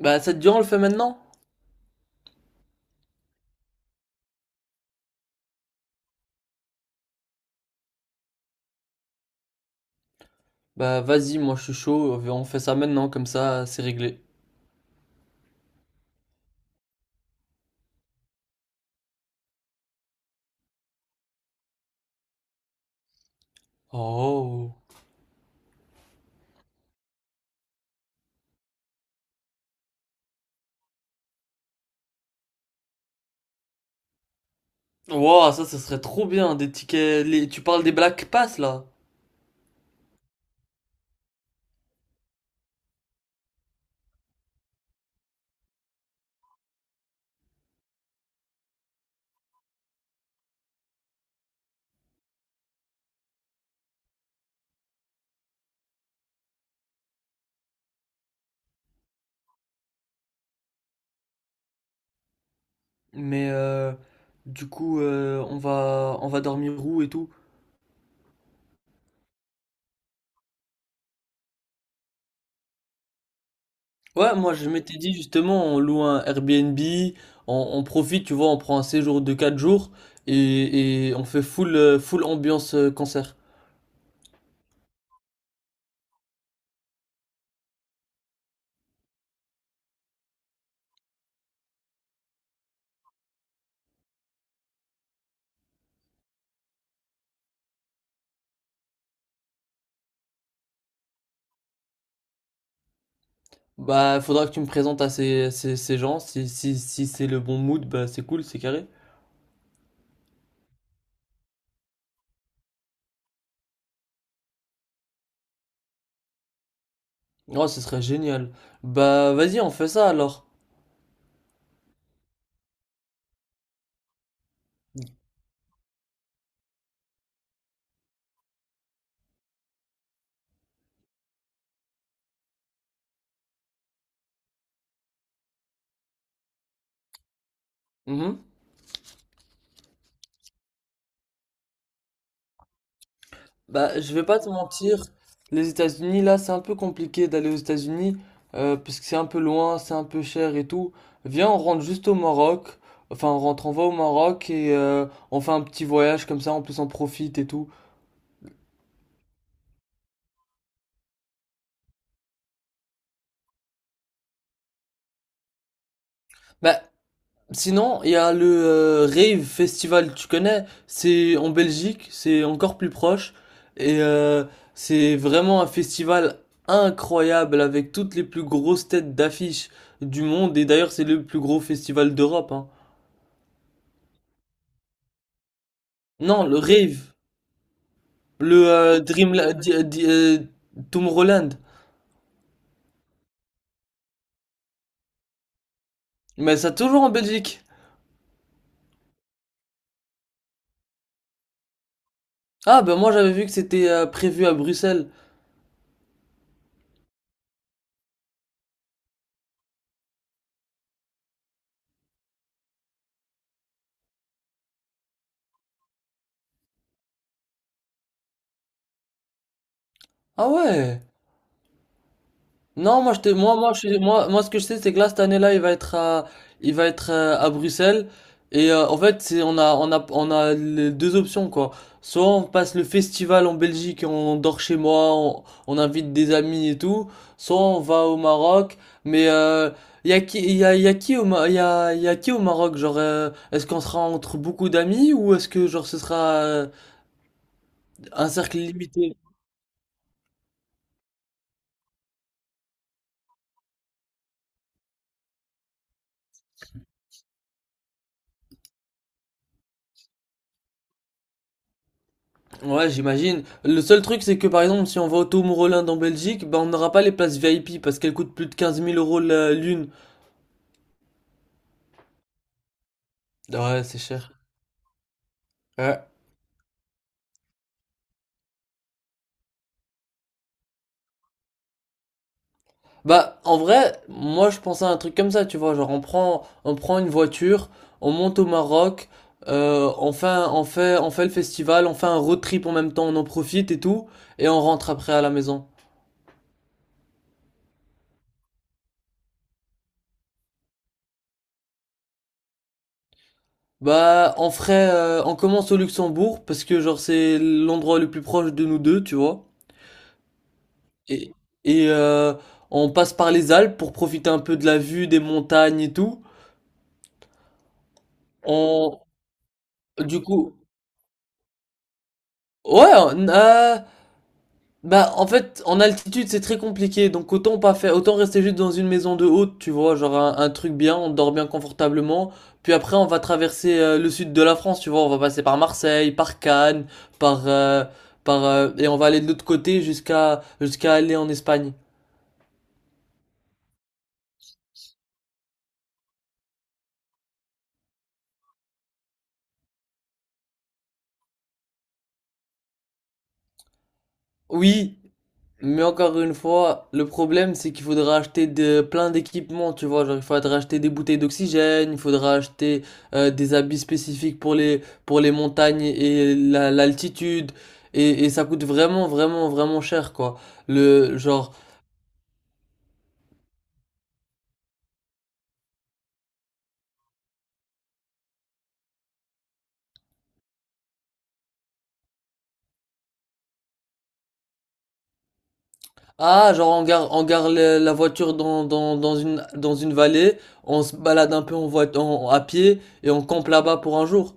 Bah ça te dit on le fait maintenant? Bah vas-y, moi je suis chaud, on fait ça maintenant, comme ça c'est réglé. Oh. Wow, ça serait trop bien, des tickets. Tu parles des Black Pass là. Mais du coup on va dormir où et tout. Ouais, moi je m'étais dit justement on loue un Airbnb, on profite, tu vois, on prend un séjour de 4 jours et on fait full full ambiance concert. Bah faudra que tu me présentes à ces gens, si c'est le bon mood, bah c'est cool, c'est carré. Oh, ce serait génial. Bah, vas-y, on fait ça alors. Mhm. Bah, je vais pas te mentir, les États-Unis, là, c'est un peu compliqué d'aller aux États-Unis, parce que c'est un peu loin, c'est un peu cher et tout. Viens, on rentre juste au Maroc. Enfin, on rentre, on va au Maroc et on fait un petit voyage comme ça, en plus on profite et tout. Bah, sinon, il y a le Rave Festival, tu connais? C'est en Belgique, c'est encore plus proche. Et c'est vraiment un festival incroyable avec toutes les plus grosses têtes d'affiche du monde. Et d'ailleurs, c'est le plus gros festival d'Europe, hein. Non, le Rave, le Tomorrowland. Mais ça toujours en Belgique. Ah, ben moi j'avais vu que c'était prévu à Bruxelles. Ah ouais. Non, moi, je te, moi, moi, je, suis- moi, moi, ce que je sais, c'est que là, cette année-là, il va être à, il va être à Bruxelles. Et en fait, on a les deux options, quoi. Soit on passe le festival en Belgique et on dort chez moi, on invite des amis et tout. Soit on va au Maroc. Mais il y a qui au, il y a qui au Maroc? Genre, est-ce qu'on sera entre beaucoup d'amis ou est-ce que genre ce sera euh, un cercle limité? Ouais, j'imagine. Le seul truc, c'est que par exemple, si on va au Tomorrowland en Belgique, bah on n'aura pas les places VIP parce qu'elles coûtent plus de 15 000 euros l'une. Ouais, c'est cher. Ouais. Bah, en vrai, moi je pensais à un truc comme ça, tu vois. Genre, on prend une voiture, on monte au Maroc, on fait le festival, on fait un road trip en même temps, on en profite et tout, et on rentre après à la maison. Bah, on ferait, on commence au Luxembourg parce que genre c'est l'endroit le plus proche de nous deux, tu vois. Et, et, on passe par les Alpes pour profiter un peu de la vue, des montagnes et tout. On, du coup, ouais, on- bah en fait, en altitude c'est très compliqué, donc autant pas faire, autant rester juste dans une maison de haute, tu vois, genre un truc bien, on dort bien confortablement. Puis après, on va traverser le sud de la France, tu vois, on va passer par Marseille, par Cannes, par, euh, et on va aller de l'autre côté jusqu'à aller en Espagne. Oui, mais encore une fois, le problème, c'est qu'il faudra acheter plein d'équipements, tu vois. Genre, il faudra acheter des bouteilles d'oxygène, il faudra acheter des habits spécifiques pour pour les montagnes et l'altitude. Et ça coûte vraiment, vraiment, vraiment cher, quoi. Le, genre, ah, genre, on gare, on gare la voiture dans une vallée, on se balade un peu à pied et on campe là-bas pour un jour.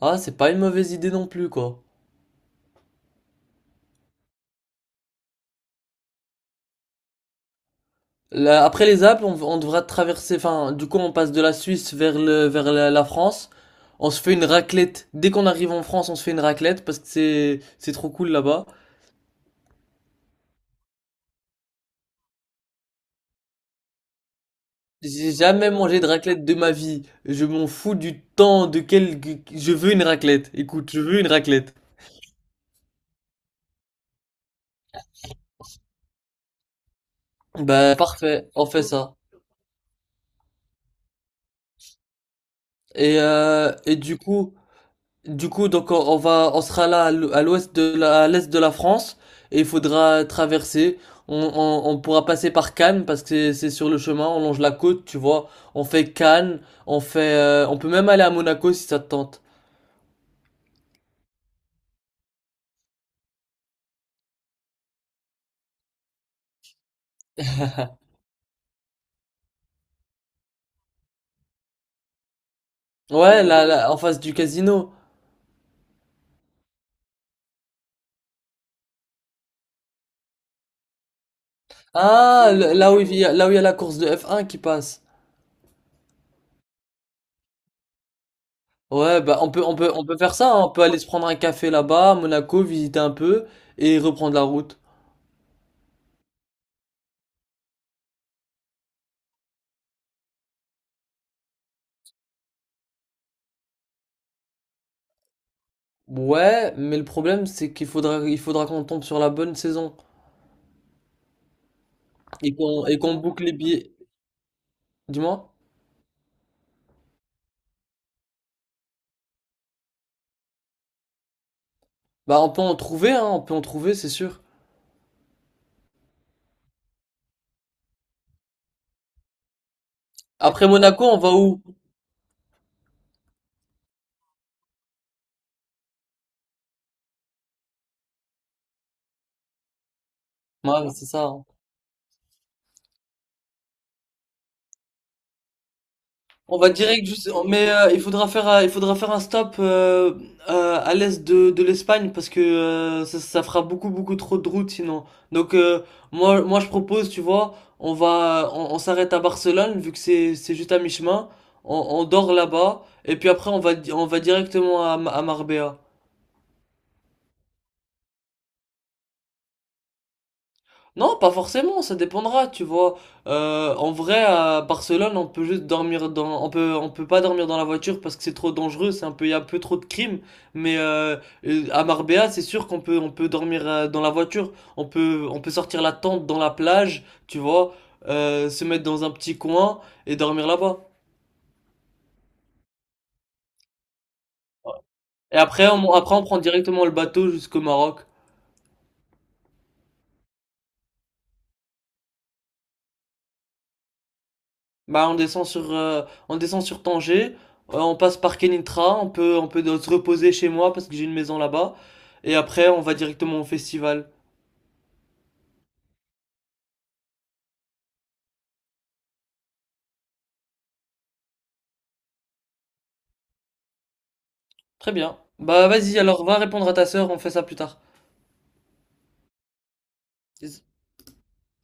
Ah, c'est pas une mauvaise idée non plus, quoi. Là, après les Alpes, on devra traverser, enfin, du coup, on passe de la Suisse vers la France. On se fait une raclette. Dès qu'on arrive en France, on se fait une raclette parce que c'est trop cool là-bas. J'ai jamais mangé de raclette de ma vie. Je m'en fous du temps de quel, je veux une raclette. Écoute, je veux une raclette. Bah, parfait. On fait ça. Et, euh, et du coup, donc on sera là à l'ouest à l'est de la France et il faudra traverser. On pourra passer par Cannes parce que c'est sur le chemin. On longe la côte, tu vois. On fait Cannes, on fait, on peut même aller à Monaco si ça te tente. Ouais, en face du casino. Ah, là où il y a la course de F1 qui passe. Ouais, bah on peut faire ça, hein. On peut aller se prendre un café là-bas à Monaco, visiter un peu et reprendre la route. Ouais, mais le problème c'est qu'il faudra, il faudra qu'on tombe sur la bonne saison. Et qu'on boucle les billets. Dis-moi. Bah on peut en trouver, hein, on peut en trouver, c'est sûr. Après Monaco, on va où? Ouais, bah, c'est ça, hein. On va direct juste. Mais il faudra faire un stop à l'est de l'Espagne parce que ça fera beaucoup beaucoup trop de route sinon. Donc euh, moi je propose, tu vois, on s'arrête à Barcelone vu que c'est juste à mi-chemin. On dort là-bas et puis après on va directement à, à Marbella. Non, pas forcément, ça dépendra, tu vois. En vrai, à Barcelone, on peut pas dormir dans la voiture parce que c'est trop dangereux, c'est un peu, il y a un peu trop de crimes. Mais à Marbella, c'est sûr qu'on peut, on peut dormir dans la voiture, on peut sortir la tente dans la plage, tu vois, se mettre dans un petit coin et dormir là-bas. Et après, on prend directement le bateau jusqu'au Maroc. Bah, on descend sur Tanger, on passe par Kenitra, on peut se reposer chez moi parce que j'ai une maison là-bas, et après on va directement au festival. Très bien. Bah vas-y, alors va répondre à ta sœur, on fait ça plus tard. Yes.